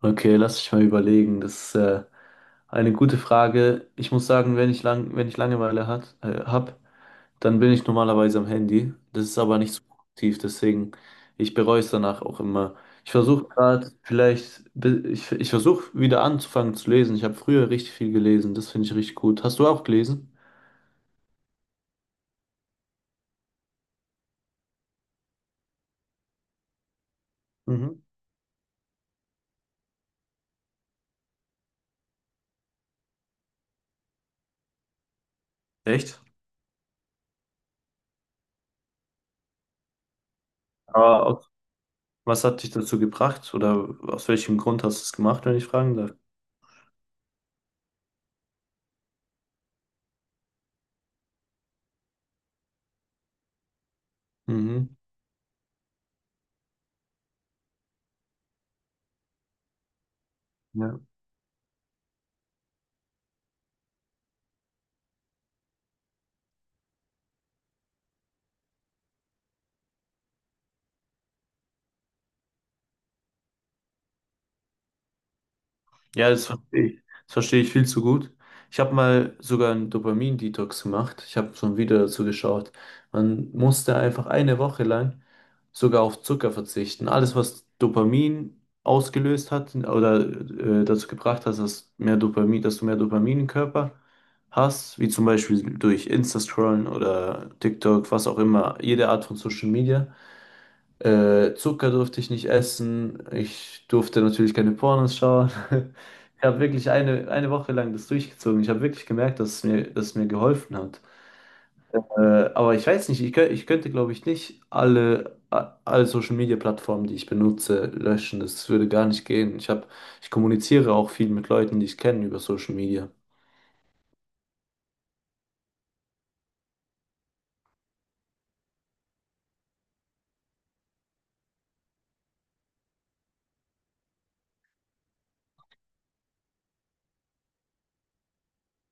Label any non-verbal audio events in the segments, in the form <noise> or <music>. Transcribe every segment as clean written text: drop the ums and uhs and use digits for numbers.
Okay, lass mich mal überlegen. Das ist eine gute Frage. Ich muss sagen, wenn ich Langeweile hab, dann bin ich normalerweise am Handy. Das ist aber nicht so produktiv, deswegen ich bereue es danach auch immer. Ich versuche gerade vielleicht, ich versuche wieder anzufangen zu lesen. Ich habe früher richtig viel gelesen, das finde ich richtig gut. Hast du auch gelesen? Mhm. Echt? Aber aus- Was hat dich dazu gebracht oder aus welchem Grund hast du es gemacht, wenn ich fragen darf? Mhm. Ja, das verstehe ich. Das verstehe ich viel zu gut. Ich habe mal sogar einen Dopamin-Detox gemacht. Ich habe so ein Video dazu geschaut. Man musste einfach eine Woche lang sogar auf Zucker verzichten. Alles, was Dopamin ausgelöst hat oder dazu gebracht hat, dass du mehr Dopamin im Körper hast, wie zum Beispiel durch Insta-Scrollen oder TikTok, was auch immer, jede Art von Social Media. Zucker durfte ich nicht essen. Ich durfte natürlich keine Pornos schauen. <laughs> Ich habe wirklich eine Woche lang das durchgezogen. Ich habe wirklich gemerkt, dass es mir geholfen hat. Aber ich weiß nicht, ich könnte, glaube ich, nicht alle Social Media Plattformen, die ich benutze, löschen. Das würde gar nicht gehen. Ich kommuniziere auch viel mit Leuten, die ich kenne, über Social Media.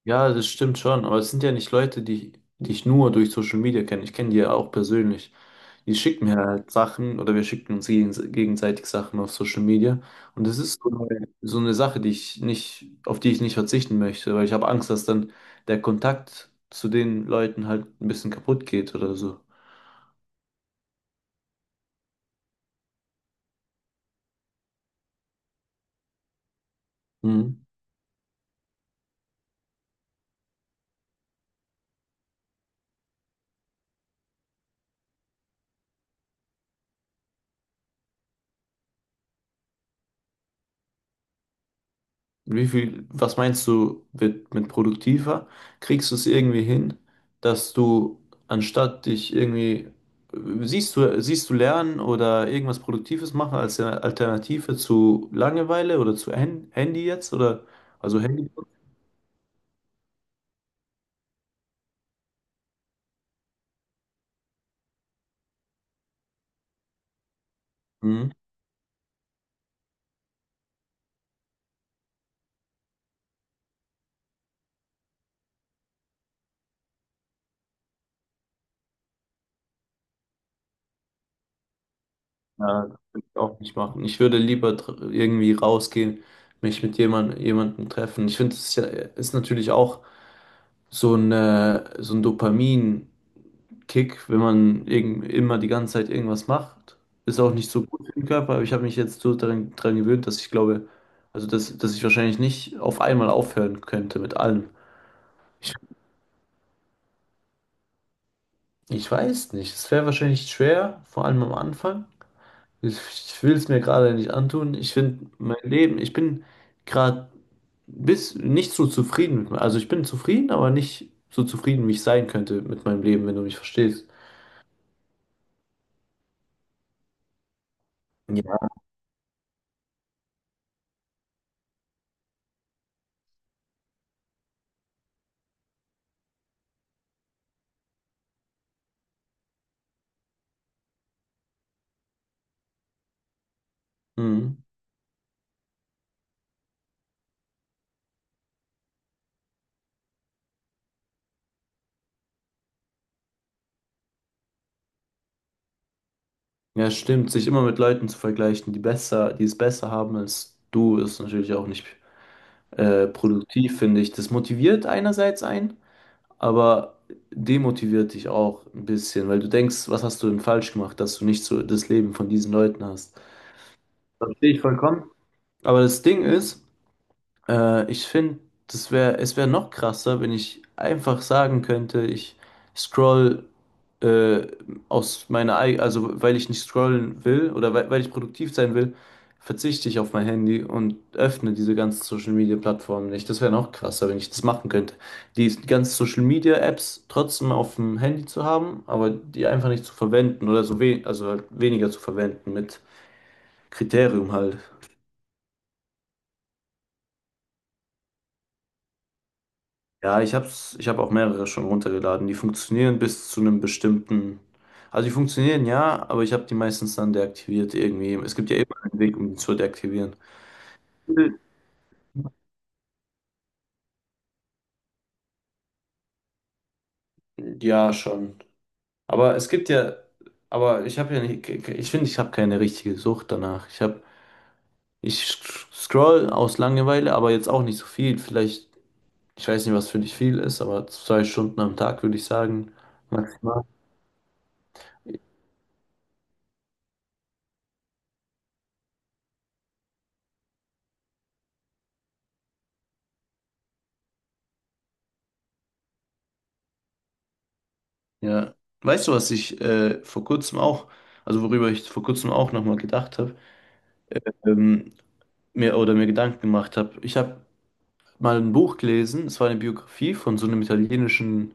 Ja, das stimmt schon, aber es sind ja nicht Leute, die, die ich nur durch Social Media kenne. Ich kenne die ja auch persönlich. Die schicken mir halt Sachen oder wir schicken uns gegenseitig Sachen auf Social Media. Und das ist so eine Sache, die ich nicht, auf die ich nicht verzichten möchte, weil ich habe Angst, dass dann der Kontakt zu den Leuten halt ein bisschen kaputt geht oder so. Mhm. Was meinst du mit produktiver? Kriegst du es irgendwie hin, dass du anstatt dich irgendwie, siehst du Lernen oder irgendwas Produktives machen als eine Alternative zu Langeweile oder zu Handy jetzt oder, also Handy? Mhm. Ja, das würde ich auch nicht machen. Ich würde lieber irgendwie rausgehen, mich mit jemandem treffen. Ich finde, es ist, ja, ist natürlich auch so ein Dopamin Kick, wenn man immer die ganze Zeit irgendwas macht. Ist auch nicht so gut für den Körper, aber ich habe mich jetzt so daran gewöhnt, dass ich glaube, also dass ich wahrscheinlich nicht auf einmal aufhören könnte mit allem. Ich, ich weiß nicht, es wäre wahrscheinlich schwer, vor allem am Anfang. Ich will es mir gerade nicht antun. Ich finde mein Leben, ich bin gerade bis nicht so zufrieden mit mir. Also ich bin zufrieden, aber nicht so zufrieden, wie ich sein könnte mit meinem Leben, wenn du mich verstehst. Ja. Mhm. Ja, stimmt. Sich immer mit Leuten zu vergleichen, die besser, die es besser haben als du, ist natürlich auch nicht produktiv, finde ich. Das motiviert einerseits einen, aber demotiviert dich auch ein bisschen, weil du denkst, was hast du denn falsch gemacht, dass du nicht so das Leben von diesen Leuten hast. Verstehe ich vollkommen. Aber das Ding ist, ich finde, es wäre noch krasser, wenn ich einfach sagen könnte, ich scroll, äh, also weil ich nicht scrollen will oder weil ich produktiv sein will, verzichte ich auf mein Handy und öffne diese ganzen Social Media Plattformen nicht. Das wäre noch krasser, wenn ich das machen könnte. Die ganzen Social Media Apps trotzdem auf dem Handy zu haben, aber die einfach nicht zu verwenden oder so we also halt weniger zu verwenden mit Kriterium halt. Ja, ich habe auch mehrere schon runtergeladen. Die funktionieren bis zu einem bestimmten. Also die funktionieren ja, aber ich habe die meistens dann deaktiviert irgendwie. Es gibt ja immer einen Weg, um die zu deaktivieren. Ja, schon. Aber es gibt ja, aber ich habe ja nicht, ich finde, ich habe keine richtige Sucht danach. Ich habe, ich scroll aus Langeweile, aber jetzt auch nicht so viel. Vielleicht, ich weiß nicht, was für dich viel ist, aber 2 Stunden am Tag würde ich sagen. Maximal. Ja, weißt du, was ich vor kurzem auch, also worüber ich vor kurzem auch nochmal gedacht habe, ähm, mir Gedanken gemacht habe. Ich habe mal ein Buch gelesen, es war eine Biografie von so einem italienischen,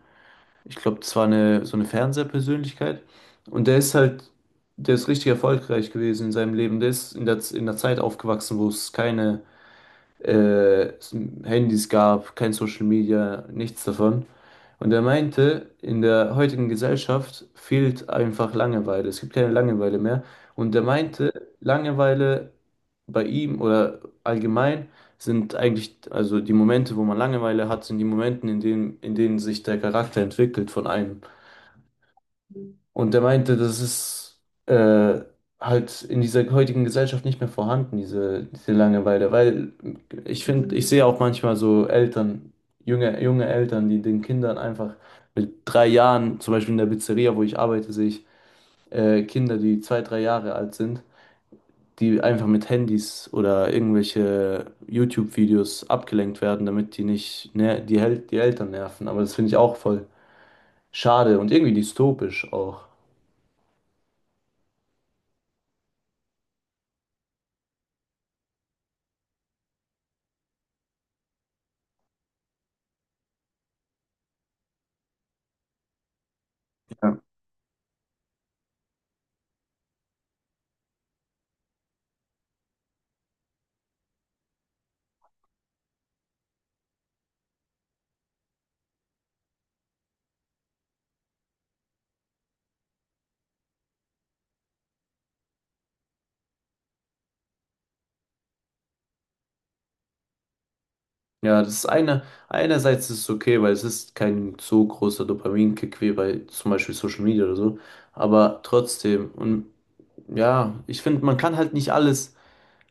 ich glaube, das war eine so eine Fernsehpersönlichkeit. Und der ist halt, der ist richtig erfolgreich gewesen in seinem Leben. Der ist in der Zeit aufgewachsen, wo es keine es Handys gab, kein Social Media, nichts davon. Und er meinte, in der heutigen Gesellschaft fehlt einfach Langeweile. Es gibt keine Langeweile mehr. Und er meinte, Langeweile bei ihm oder allgemein sind eigentlich, also die Momente, wo man Langeweile hat, sind die Momente, in denen sich der Charakter entwickelt von einem. Und der meinte, das ist äh, halt in dieser heutigen Gesellschaft nicht mehr vorhanden, diese Langeweile. Weil ich finde, ich sehe auch manchmal so Eltern, junge Eltern, die den Kindern einfach mit 3 Jahren, zum Beispiel in der Pizzeria, wo ich arbeite, sehe ich Kinder, die 2, 3 Jahre alt sind, die einfach mit Handys oder irgendwelche YouTube-Videos abgelenkt werden, damit die nicht ner die, Hel die Eltern nerven. Aber das finde ich auch voll schade und irgendwie dystopisch auch. Ja, das ist eine, einerseits ist es okay, weil es ist kein so großer Dopaminkick wie bei zum Beispiel Social Media oder so. Aber trotzdem, und ja, ich finde, man kann halt nicht alles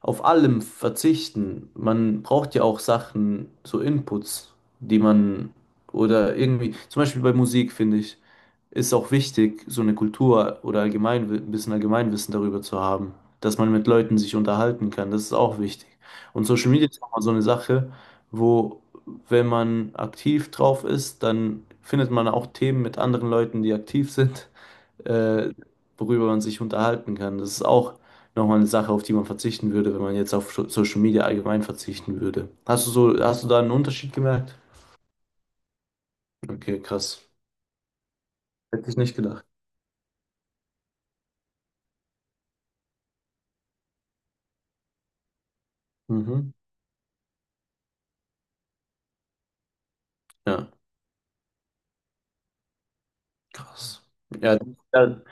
auf allem verzichten. Man braucht ja auch Sachen, so Inputs, die man oder irgendwie, zum Beispiel bei Musik, finde ich, ist auch wichtig, so eine Kultur oder allgemein ein bisschen Allgemeinwissen darüber zu haben, dass man mit Leuten sich unterhalten kann. Das ist auch wichtig. Und Social Media ist auch mal so eine Sache, wo, wenn man aktiv drauf ist, dann findet man auch Themen mit anderen Leuten, die aktiv sind, äh, worüber man sich unterhalten kann. Das ist auch nochmal eine Sache, auf die man verzichten würde, wenn man jetzt auf Social Media allgemein verzichten würde. Hast du da einen Unterschied gemerkt? Okay, krass. Hätte ich nicht gedacht. Mhm. Ja. Krass. Ja, ja,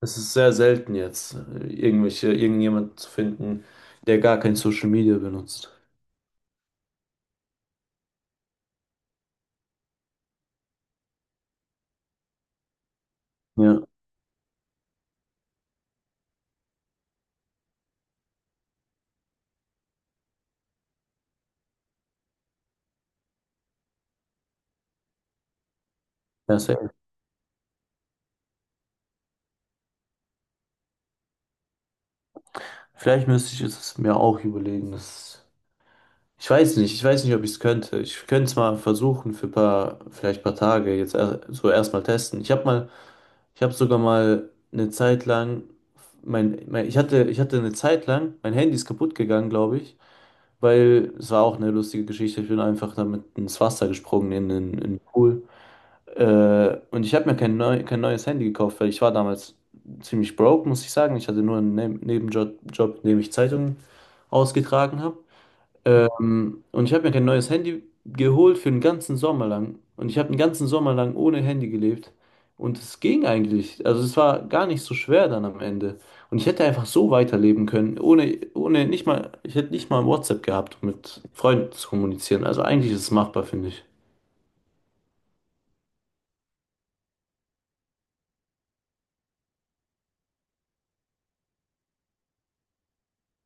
es ist sehr selten jetzt, irgendjemand zu finden, der gar kein Social Media benutzt. Ja, ja, safe. Vielleicht müsste ich es mir auch überlegen. Das, ich weiß nicht, ob ich es könnte. Ich könnte es mal versuchen für paar, vielleicht paar Tage, jetzt so erstmal testen. Ich habe sogar mal eine Zeit lang, ich hatte eine Zeit lang, mein Handy ist kaputt gegangen, glaube ich. Weil es war auch eine lustige Geschichte. Ich bin einfach damit ins Wasser gesprungen, in den Pool. Und ich habe mir kein neues Handy gekauft, weil ich war damals ziemlich broke, muss ich sagen. Ich hatte nur einen Ne- Nebenjob, Job, in dem ich Zeitungen ausgetragen habe. Und ich habe mir kein neues Handy geholt für den ganzen Sommer lang. Und ich habe den ganzen Sommer lang ohne Handy gelebt. Und es ging eigentlich. Also es war gar nicht so schwer dann am Ende. Und ich hätte einfach so weiterleben können, ohne, nicht mal, ich hätte nicht mal WhatsApp gehabt, um mit Freunden zu kommunizieren. Also eigentlich ist es machbar, finde ich.